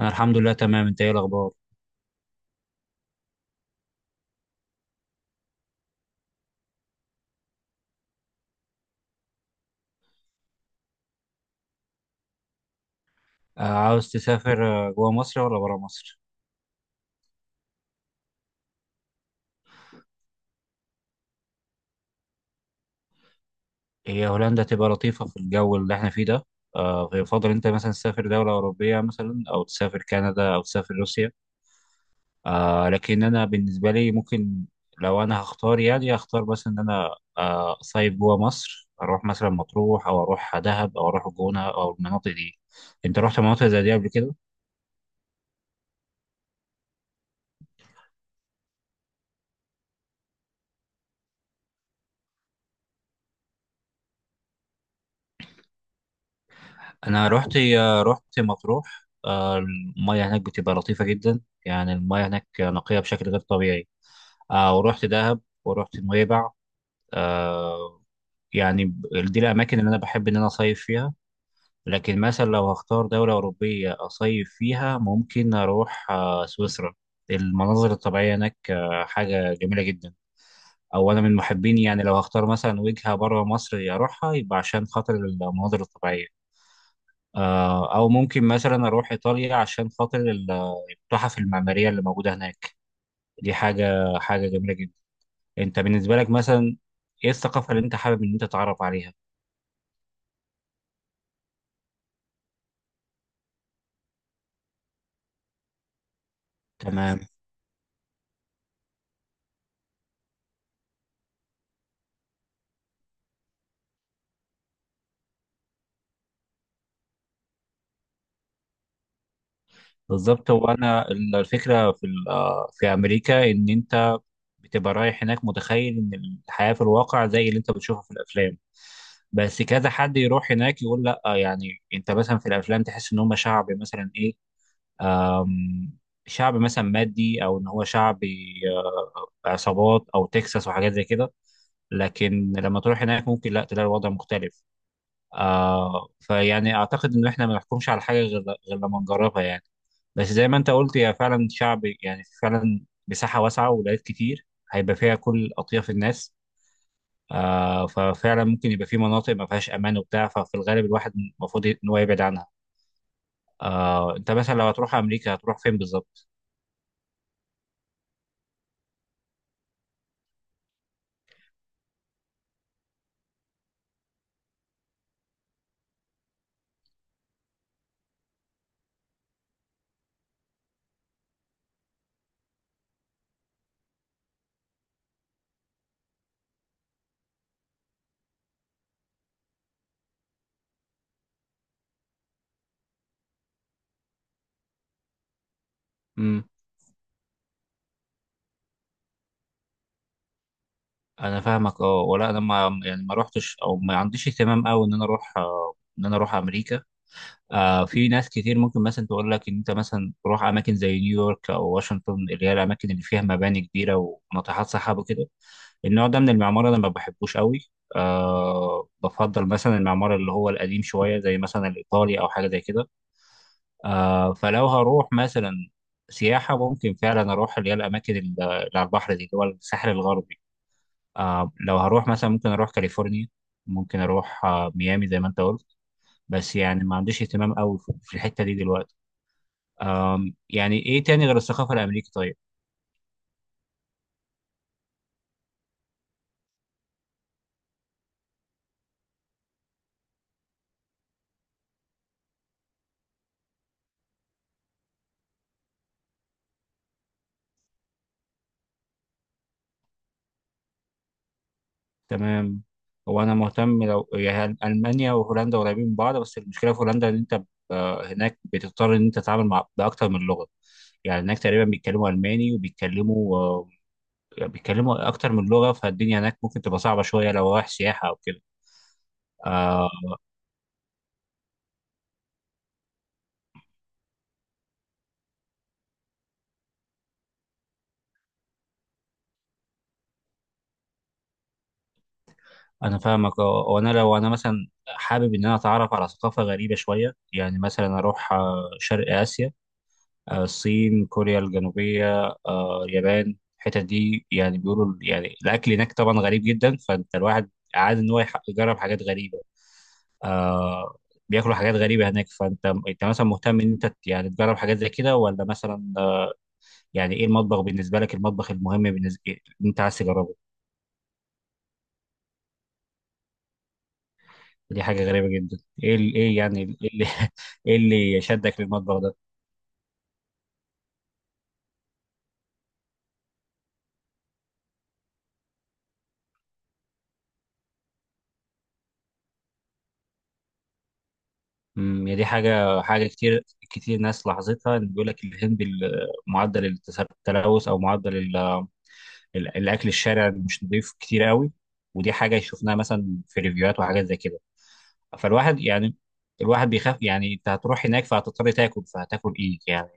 أنا الحمد لله تمام. أنت إيه الأخبار؟ عاوز تسافر، جوا مصر ولا برا مصر؟ هي هولندا تبقى لطيفة في الجو اللي إحنا فيه ده. فيفضل أنت مثلا تسافر دولة أوروبية، مثلا، أو تسافر كندا أو تسافر روسيا. لكن أنا بالنسبة لي ممكن، لو أنا هختار يعني هختار بس إن أنا أصيف جوا مصر، أروح مثلا مطروح أو أروح دهب أو أروح الجونة أو المناطق دي. أنت رحت مناطق زي دي قبل كده؟ انا رحت مطروح. المياه هناك بتبقى لطيفه جدا، يعني المياه هناك نقيه بشكل غير طبيعي. ورحت دهب ورحت نويبع. آه، يعني دي الاماكن اللي انا بحب ان انا اصيف فيها. لكن مثلا لو هختار دوله اوروبيه اصيف فيها ممكن اروح سويسرا. المناظر الطبيعيه هناك حاجه جميله جدا. او انا من محبين، يعني لو هختار مثلا وجهه بره مصر اروحها، يبقى عشان خاطر المناظر الطبيعيه. او ممكن مثلا اروح ايطاليا عشان خاطر التحف المعماريه اللي موجوده هناك. دي حاجه جميله جدا. انت بالنسبه لك مثلا، ايه الثقافه اللي انت حابب ان انت تتعرف عليها؟ تمام. بالظبط، هو انا الفكره في ال- آه، في امريكا ان انت بتبقى رايح هناك متخيل ان الحياه في الواقع زي اللي انت بتشوفها في الافلام. بس كذا حد يروح هناك يقول لا. يعني انت مثلا في الافلام تحس ان هم شعب مثلا ايه، شعب مثلا مادي، او ان هو شعب عصابات او تكساس وحاجات زي كده. لكن لما تروح هناك ممكن لا تلاقي الوضع مختلف. فيعني اعتقد ان احنا ما نحكمش على حاجه غير لما نجربها يعني. بس زي ما انت قلت، هي فعلا شعب، يعني فعلا مساحه واسعه وولايات كتير هيبقى فيها كل اطياف الناس. ففعلا ممكن يبقى في مناطق ما فيهاش امان وبتاع، ففي الغالب الواحد المفروض ان هو يبعد عنها. انت مثلا لو هتروح امريكا هتروح فين بالظبط؟ انا فاهمك. اه، ولا انا، ما يعني ما روحتش، او ما عنديش اهتمام قوي ان انا اروح، ان انا اروح امريكا. في ناس كتير ممكن مثلا تقول لك ان انت مثلا تروح اماكن زي نيويورك او واشنطن، اللي هي الاماكن اللي فيها مباني كبيره وناطحات سحاب وكده. النوع ده من المعمار انا ما بحبوش قوي. بفضل مثلا المعمار اللي هو القديم شويه، زي مثلا الايطالي او حاجه زي كده. فلو هروح مثلا سياحه، ممكن فعلا اروح اللي هي الاماكن اللي على البحر دي، اللي هو الساحل الغربي. لو هروح مثلا ممكن اروح كاليفورنيا، ممكن اروح ميامي زي ما انت قلت. بس يعني ما عنديش اهتمام قوي في الحتة دي دلوقتي. يعني ايه تاني غير الثقافة الامريكية طيب؟ تمام. هو انا مهتم، لو يعني المانيا وهولندا قريبين من بعض، بس المشكلة في هولندا ان انت هناك بتضطر ان انت تتعامل مع باكتر من لغة. يعني هناك تقريبا بيتكلموا الماني وبيتكلموا بيتكلموا اكتر من لغة، فالدنيا هناك ممكن تبقى صعبة شوية لو رايح سياحة او كده. آه، انا فاهمك. اه، وانا لو انا مثلا حابب ان انا اتعرف على ثقافه غريبه شويه، يعني مثلا اروح شرق اسيا، الصين، كوريا الجنوبيه، اليابان، الحتت دي يعني بيقولوا يعني الاكل هناك طبعا غريب جدا، فانت الواحد عاد ان هو يجرب حاجات غريبه. آه، بياكلوا حاجات غريبه هناك. فانت مثلا مهتم ان انت يعني تجرب حاجات زي كده، ولا مثلا يعني ايه المطبخ بالنسبه لك، المطبخ المهم بالنسبه انت عايز تجربه؟ دي حاجة غريبة جدا. ايه ايه يعني ايه اللي ايه اللي شدك للمطبخ ده؟ يعني دي حاجة كتير كتير ناس لاحظتها، ان بيقول لك الهند معدل التلوث، او معدل الاكل الشارع مش نضيف كتير قوي. ودي حاجة شفناها مثلا في ريفيوهات وحاجات زي كده. فالواحد يعني الواحد بيخاف. يعني انت هتروح هناك فهتضطر تاكل، فهتاكل ايه يعني؟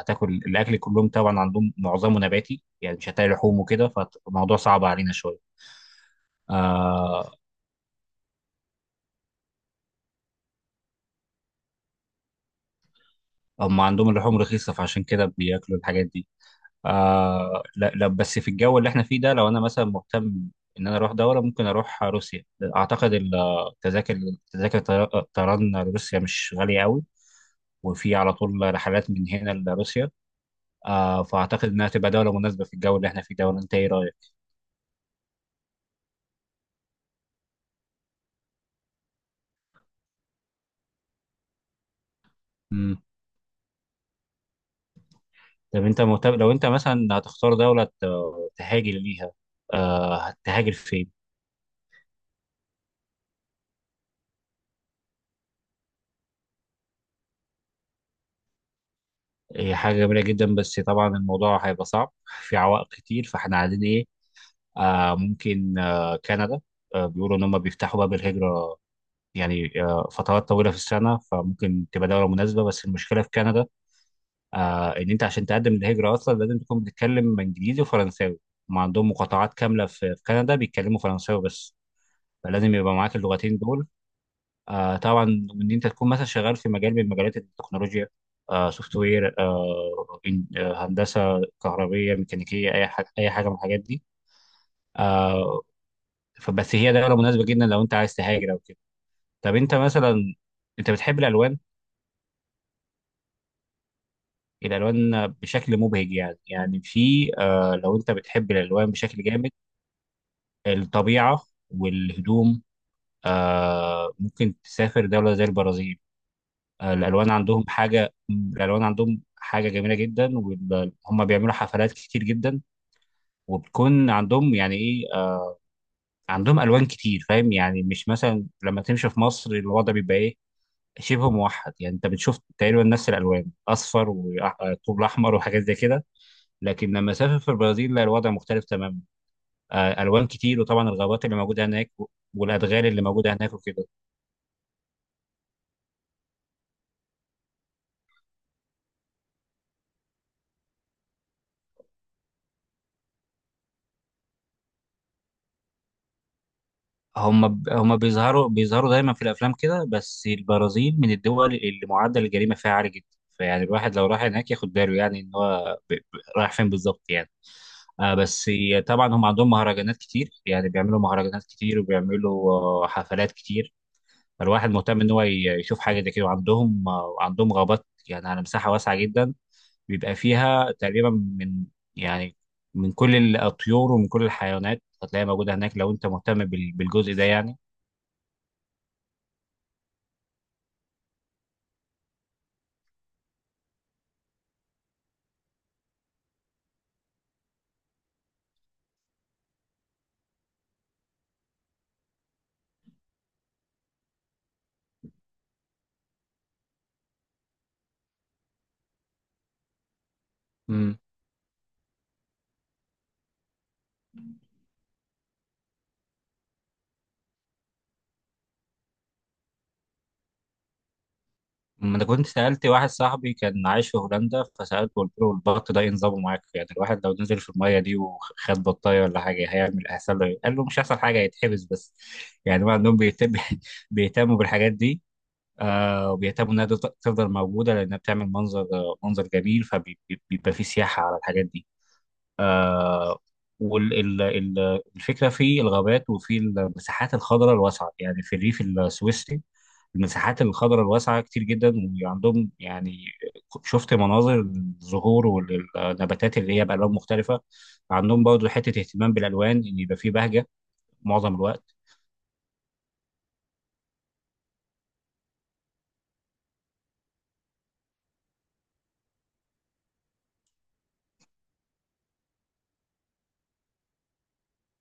هتاكل الاكل كلهم، طبعا عندهم معظمه نباتي، يعني مش هتلاقي لحوم وكده. فالموضوع صعب علينا شوية. آه، هم عندهم اللحوم رخيصة، فعشان كده بياكلوا الحاجات دي. لا، لا، بس في الجو اللي احنا فيه ده لو انا مثلا مهتم ان انا اروح دولة ممكن اروح روسيا. اعتقد التذاكر، تذاكر طيران لروسيا مش غالية قوي، وفي على طول رحلات من هنا لروسيا. فاعتقد انها تبقى دولة مناسبة في الجو اللي احنا فيه ده. ولا انت ايه رأيك؟ مم. طب انت مهتم، لو انت مثلا هتختار دولة تهاجر ليها، هتهاجر فين؟ هي حاجة جميلة جدا، بس طبعا الموضوع هيبقى صعب، في عوائق كتير. فاحنا عايزين ايه؟ ممكن كندا. بيقولوا ان هم بيفتحوا باب الهجرة يعني فترات طويلة في السنة، فممكن تبقى دولة مناسبة. بس المشكلة في كندا ان انت عشان تقدم للهجرة اصلا لازم تكون بتتكلم انجليزي وفرنساوي. ما عندهم مقاطعات كاملة في كندا بيتكلموا فرنساوي بس، فلازم يبقى معاك اللغتين دول. طبعا ان انت تكون مثلا شغال في مجال من مجالات التكنولوجيا، سوفت وير، هندسه كهربيه ميكانيكيه، اي حاجه، اي حاجه من الحاجات دي. آه فبس هي دوله مناسبه جدا لو انت عايز تهاجر او كده. طب انت مثلا، انت بتحب الالوان؟ الالوان بشكل مبهج يعني في لو انت بتحب الالوان بشكل جامد. الطبيعه والهدوم. ممكن تسافر دوله زي البرازيل. الالوان عندهم حاجه جميله جدا. وهم بيعملوا حفلات كتير جدا، وبتكون عندهم يعني ايه عندهم الوان كتير. فاهم يعني، مش مثلا لما تمشي في مصر الوضع بيبقى ايه، شبه موحد. يعني انت بتشوف تقريبا نفس الالوان، اصفر وطوب احمر وحاجات زي كده. لكن لما اسافر في البرازيل لا، الوضع مختلف تماما. الوان كتير وطبعا الغابات اللي موجوده هناك والادغال اللي موجوده هناك وكده. هم بيظهروا دايما في الافلام كده، بس البرازيل من الدول اللي معدل الجريمه فيها عالي جدا. فيعني الواحد لو راح هناك ياخد باله، يعني ان هو رايح فين بالظبط يعني. بس طبعا هم عندهم مهرجانات كتير، يعني بيعملوا مهرجانات كتير وبيعملوا حفلات كتير. فالواحد مهتم ان هو يشوف حاجه زي كده. وعندهم آه، عندهم غابات يعني على مساحه واسعه جدا، بيبقى فيها تقريبا من، يعني، من كل الطيور ومن كل الحيوانات، هتلاقيها موجوده هناك لو انت مهتم بالجزء ده يعني. امم ما انا كنت سالت واحد صاحبي كان عايش في هولندا، فسالته، قلت له البط ده إيه نظامه معاك؟ يعني الواحد لو نزل في الميه دي وخد بطايه ولا حاجه هيعمل، هيحصل له إيه؟ قال له مش هيحصل حاجه، هيتحبس بس. يعني هم عندهم بيهتم بيهتموا بالحاجات دي. وبيهتموا انها تفضل موجوده، لانها بتعمل منظر جميل، فبيبقى في سياحه على الحاجات دي. آه والفكره في الغابات وفي المساحات الخضراء الواسعه، يعني في الريف السويسري المساحات الخضراء الواسعة كتير جدا. وعندهم، يعني، شفت مناظر الزهور والنباتات اللي هي بألوان مختلفة. عندهم برضه حتة اهتمام بالألوان إن يبقى فيه بهجة معظم الوقت.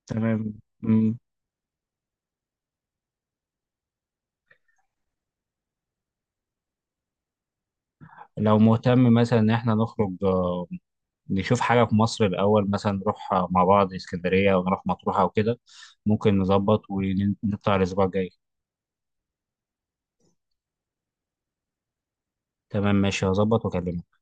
تمام. مم. لو مهتم مثلا إن إحنا نخرج نشوف حاجة في مصر الأول، مثلا نروح مع بعض اسكندرية أو نروح مطروح أو كده. ممكن نظبط ونطلع الأسبوع الجاي. تمام، ماشي، هظبط وأكلمك.